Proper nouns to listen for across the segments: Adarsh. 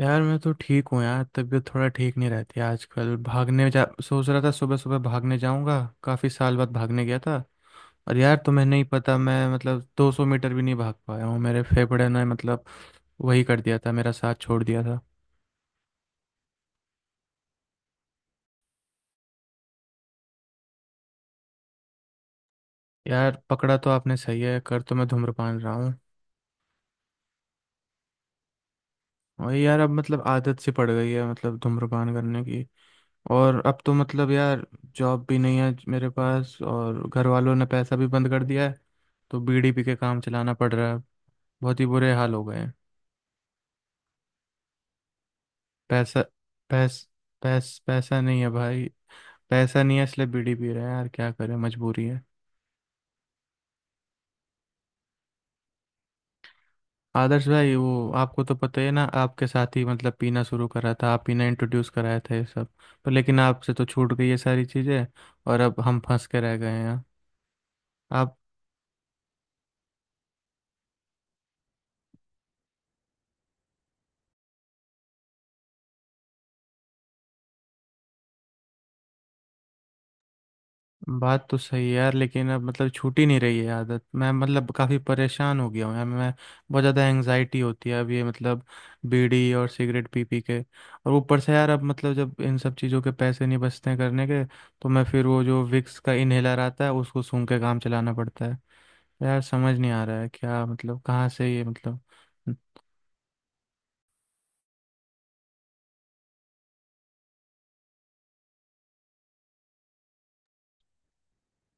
यार मैं तो ठीक हूँ यार। तबीयत थोड़ा ठीक नहीं रहती आजकल। भागने जा सोच रहा था सुबह सुबह भागने जाऊंगा। काफ़ी साल बाद भागने गया था। और यार तुम्हें नहीं पता, मैं मतलब 200 मीटर भी नहीं भाग पाया हूँ। मेरे फेफड़े ने मतलब वही कर दिया था, मेरा साथ छोड़ दिया था। यार पकड़ा तो आपने सही है, कर तो मैं धूम्रपान रहा हूँ। और यार अब मतलब आदत सी पड़ गई है मतलब, धूम्रपान करने की। और अब तो मतलब यार, जॉब भी नहीं है मेरे पास और घर वालों ने पैसा भी बंद कर दिया है। तो बीड़ी पी के काम चलाना पड़ रहा है। बहुत ही बुरे हाल हो गए हैं। पैसा पैस पैसा नहीं है भाई। पैसा नहीं है, इसलिए बीड़ी पी रहे हैं यार, क्या करें, मजबूरी है। आदर्श भाई, वो आपको तो पता ही है ना, आपके साथ ही मतलब पीना शुरू करा था, आप पीना इंट्रोड्यूस कराए थे ये सब। पर लेकिन आपसे तो छूट गई ये सारी चीज़ें। और अब हम फंस के रह गए हैं यहाँ। आप बात तो सही है यार, लेकिन अब मतलब छूट ही नहीं रही है आदत, मैं मतलब काफ़ी परेशान हो गया हूँ यार मैं। बहुत ज़्यादा एंग्जाइटी होती है अब ये मतलब, बीड़ी और सिगरेट पी पी के। और ऊपर से यार अब मतलब जब इन सब चीज़ों के पैसे नहीं बचते हैं करने के, तो मैं फिर वो जो विक्स का इनहेलर आता है उसको सूंघ के काम चलाना पड़ता है। यार समझ नहीं आ रहा है क्या मतलब, कहाँ से ये मतलब।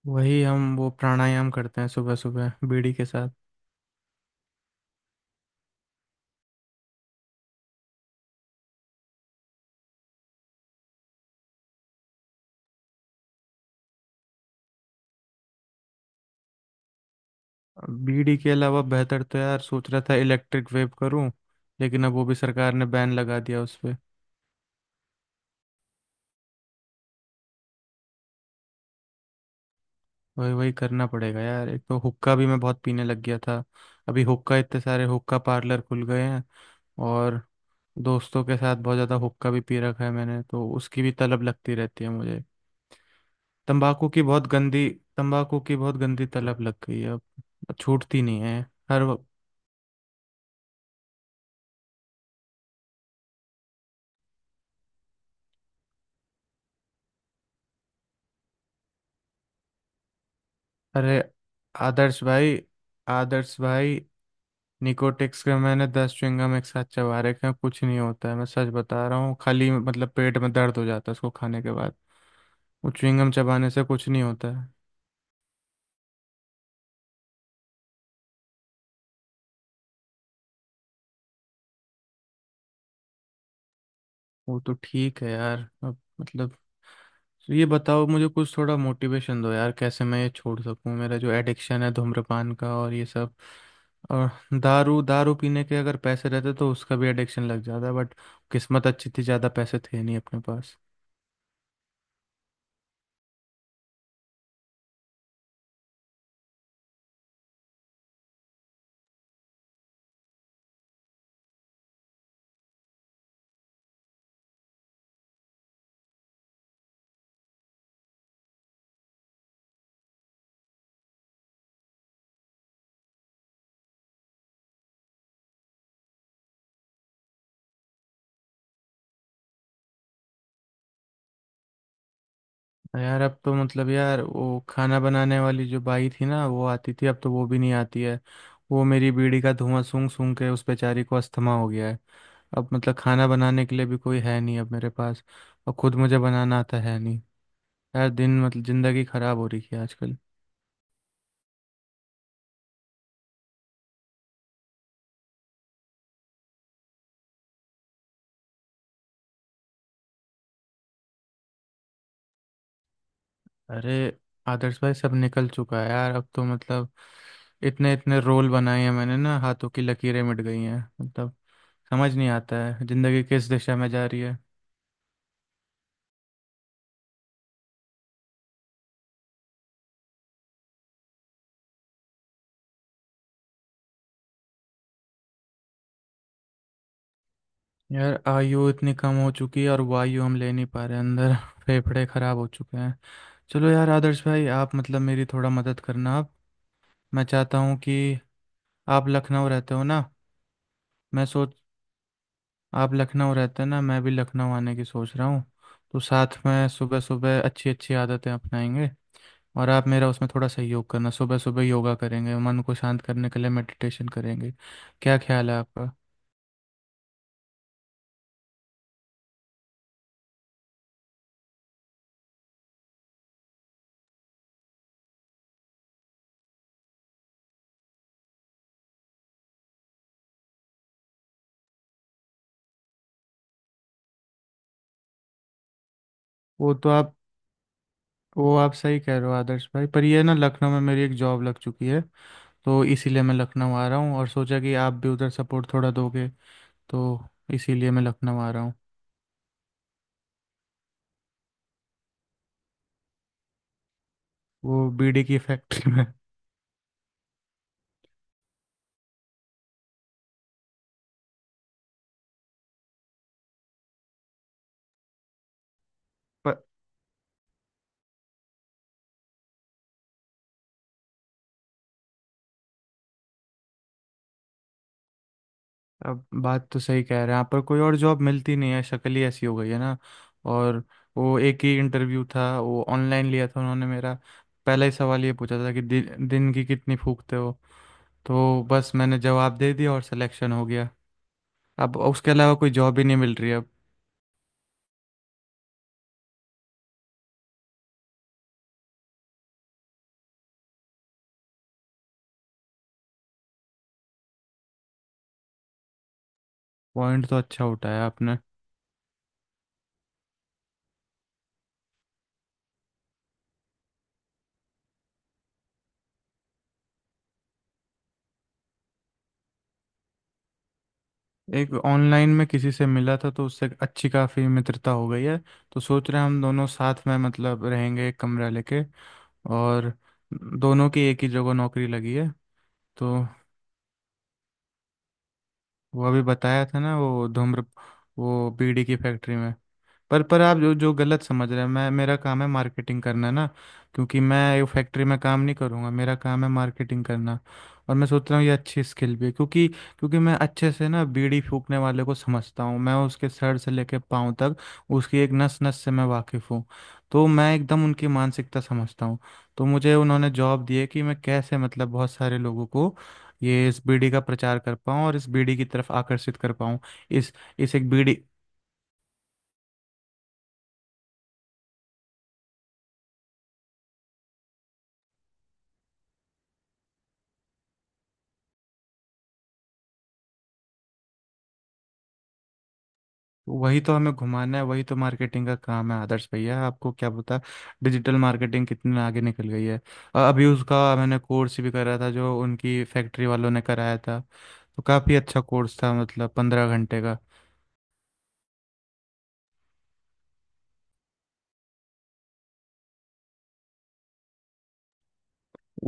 वही हम वो प्राणायाम करते हैं सुबह सुबह बीड़ी के साथ। बीडी के अलावा बेहतर तो यार सोच रहा था इलेक्ट्रिक वेव करूं। लेकिन अब वो भी सरकार ने बैन लगा दिया उस पे। वही वही करना पड़ेगा यार। एक तो हुक्का भी मैं बहुत पीने लग गया था। अभी हुक्का, इतने सारे हुक्का पार्लर खुल गए हैं। और दोस्तों के साथ बहुत ज़्यादा हुक्का भी पी रखा है मैंने तो, उसकी भी तलब लगती रहती है मुझे। तंबाकू की बहुत गंदी तंबाकू की बहुत गंदी तलब लग गई है, अब छूटती नहीं है। हर वक्त- अरे आदर्श भाई, आदर्श भाई, निकोटिक्स के मैंने 10 च्युइंगम एक साथ चबा रखे हैं, कुछ नहीं होता है, मैं सच बता रहा हूँ, खाली मतलब पेट में दर्द हो जाता है उसको खाने के बाद। वो च्युइंगम चबाने से कुछ नहीं होता है। वो तो ठीक है यार, अब मतलब, तो ये बताओ मुझे कुछ थोड़ा मोटिवेशन दो यार, कैसे मैं ये छोड़ सकूं, मेरा जो एडिक्शन है धूम्रपान का और ये सब। और दारू दारू पीने के अगर पैसे रहते तो उसका भी एडिक्शन लग जाता, बट किस्मत अच्छी थी, ज़्यादा पैसे थे नहीं अपने पास। यार अब तो मतलब यार, वो खाना बनाने वाली जो बाई थी ना, वो आती थी, अब तो वो भी नहीं आती है। वो मेरी बीड़ी का धुआं सूंघ सूंघ के उस बेचारी को अस्थमा हो गया है। अब मतलब खाना बनाने के लिए भी कोई है नहीं अब मेरे पास। और खुद मुझे बनाना आता है नहीं। यार दिन मतलब ज़िंदगी ख़राब हो रही है आजकल। अरे आदर्श भाई, सब निकल चुका है यार, अब तो मतलब इतने इतने रोल बनाए हैं मैंने ना, हाथों की लकीरें मिट गई हैं मतलब। समझ नहीं आता है ज़िंदगी किस दिशा में जा रही है। यार, आयु इतनी कम हो चुकी है और वायु हम ले नहीं पा रहे अंदर। फेफड़े खराब हो चुके हैं। चलो यार आदर्श भाई, आप मतलब मेरी थोड़ा मदद करना आप। मैं चाहता हूँ कि आप लखनऊ रहते हो ना। मैं सोच आप लखनऊ रहते हैं ना, मैं भी लखनऊ आने की सोच रहा हूँ। तो साथ में सुबह सुबह अच्छी अच्छी आदतें अपनाएंगे। और आप मेरा उसमें थोड़ा सहयोग करना, सुबह सुबह योगा करेंगे, मन को शांत करने के लिए मेडिटेशन करेंगे। क्या ख्याल है आपका? वो तो आप वो आप सही कह रहे हो आदर्श भाई, पर ये ना लखनऊ में मेरी एक जॉब लग चुकी है। तो इसीलिए मैं लखनऊ आ रहा हूँ और सोचा कि आप भी उधर सपोर्ट थोड़ा दोगे। तो इसीलिए मैं लखनऊ आ रहा हूँ। वो बीड़ी की फैक्ट्री में पर अब बात तो सही कह रहे हैं आप, पर कोई और जॉब मिलती नहीं है, शक्ल ही ऐसी हो गई है ना। और वो एक ही इंटरव्यू था, वो ऑनलाइन लिया था उन्होंने मेरा। पहला ही सवाल ये पूछा था कि दिन की कितनी फूकते हो। तो बस मैंने जवाब दे दिया और सिलेक्शन हो गया। अब उसके अलावा कोई जॉब ही नहीं मिल रही है अब। पॉइंट तो अच्छा उठाया आपने। एक ऑनलाइन में किसी से मिला था तो उससे अच्छी काफ़ी मित्रता हो गई है। तो सोच रहे हैं हम दोनों साथ में मतलब रहेंगे, एक कमरा लेके। और दोनों की एक ही जगह नौकरी लगी है। तो वो अभी बताया था ना, वो बीड़ी की फैक्ट्री में। पर आप जो जो गलत समझ रहे हैं, मैं मेरा काम है मार्केटिंग करना ना। क्योंकि मैं फैक्ट्री में काम नहीं करूँगा, मेरा काम है मार्केटिंग करना। और मैं सोच रहा हूँ ये अच्छी स्किल भी है, क्योंकि क्योंकि मैं अच्छे से ना बीड़ी फूकने वाले को समझता हूँ। मैं उसके सर से लेके पाँव तक उसकी एक नस नस से मैं वाकिफ़ हूँ। तो मैं एकदम उनकी मानसिकता समझता हूँ। तो मुझे उन्होंने जॉब दी है कि मैं कैसे मतलब बहुत सारे लोगों को ये इस बीड़ी का प्रचार कर पाऊँ और इस बीड़ी की तरफ आकर्षित कर पाऊँ। इस इस एक बीड़ी वही तो हमें घुमाना है, वही तो मार्केटिंग का काम है आदर्श भैया, आपको क्या पता डिजिटल मार्केटिंग कितने आगे निकल गई है। अभी उसका मैंने कोर्स भी करा था जो उनकी फैक्ट्री वालों ने कराया था। तो काफ़ी अच्छा कोर्स था मतलब, 15 घंटे का।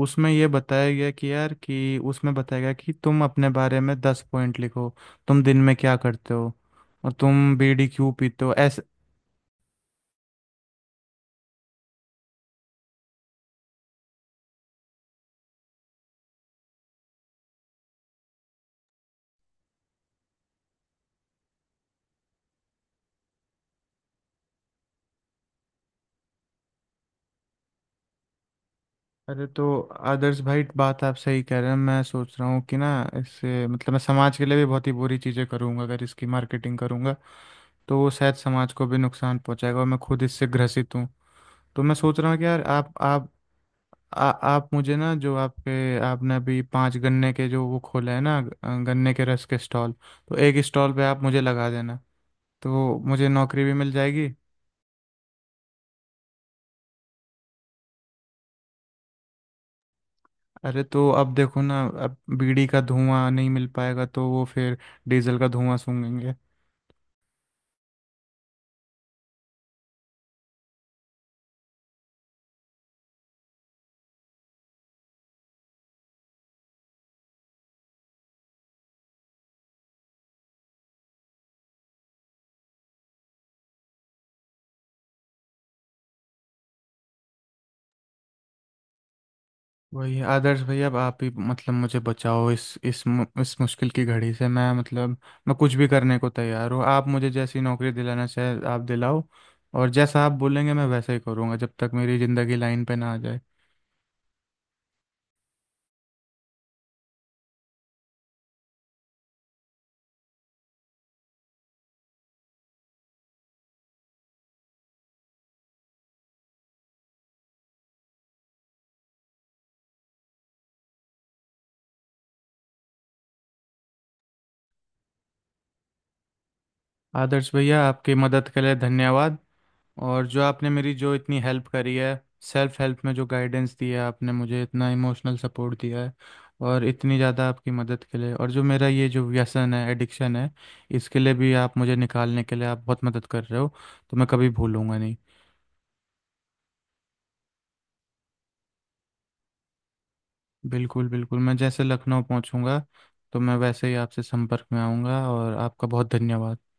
उसमें बताया गया कि तुम अपने बारे में 10 पॉइंट लिखो। तुम दिन में क्या करते हो और तुम बीड़ी क्यों पीते हो, ऐसे। अरे तो आदर्श भाई, बात आप सही कह रहे हैं, मैं सोच रहा हूँ कि ना इससे मतलब मैं समाज के लिए भी बहुत ही बुरी चीज़ें करूँगा अगर इसकी मार्केटिंग करूँगा। तो वो शायद समाज को भी नुकसान पहुँचाएगा और मैं खुद इससे ग्रसित हूँ। तो मैं सोच रहा हूँ कि यार आप मुझे ना जो आपके आपने अभी पांच गन्ने के जो वो खोले हैं ना, गन्ने के रस के स्टॉल। तो एक स्टॉल पे आप मुझे लगा देना, तो मुझे नौकरी भी मिल जाएगी। अरे तो अब देखो ना, अब बीड़ी का धुआं नहीं मिल पाएगा तो वो फिर डीजल का धुआं सूंघेंगे। वही आदर्श भैया, अब आप ही मतलब मुझे बचाओ इस मुश्किल की घड़ी से, मैं कुछ भी करने को तैयार हूँ। आप मुझे जैसी नौकरी दिलाना चाहे आप दिलाओ, और जैसा आप बोलेंगे मैं वैसा ही करूँगा जब तक मेरी ज़िंदगी लाइन पे ना आ जाए। आदर्श भैया, आपकी मदद के लिए धन्यवाद। और जो आपने मेरी जो इतनी हेल्प करी है, सेल्फ हेल्प में जो गाइडेंस दी है, आपने मुझे इतना इमोशनल सपोर्ट दिया है। और इतनी ज़्यादा आपकी मदद के लिए, और जो मेरा ये जो व्यसन है एडिक्शन है इसके लिए भी आप मुझे निकालने के लिए आप बहुत मदद कर रहे हो। तो मैं कभी भूलूंगा नहीं। बिल्कुल बिल्कुल, मैं जैसे लखनऊ पहुंचूंगा तो मैं वैसे ही आपसे संपर्क में आऊँगा, और आपका बहुत धन्यवाद।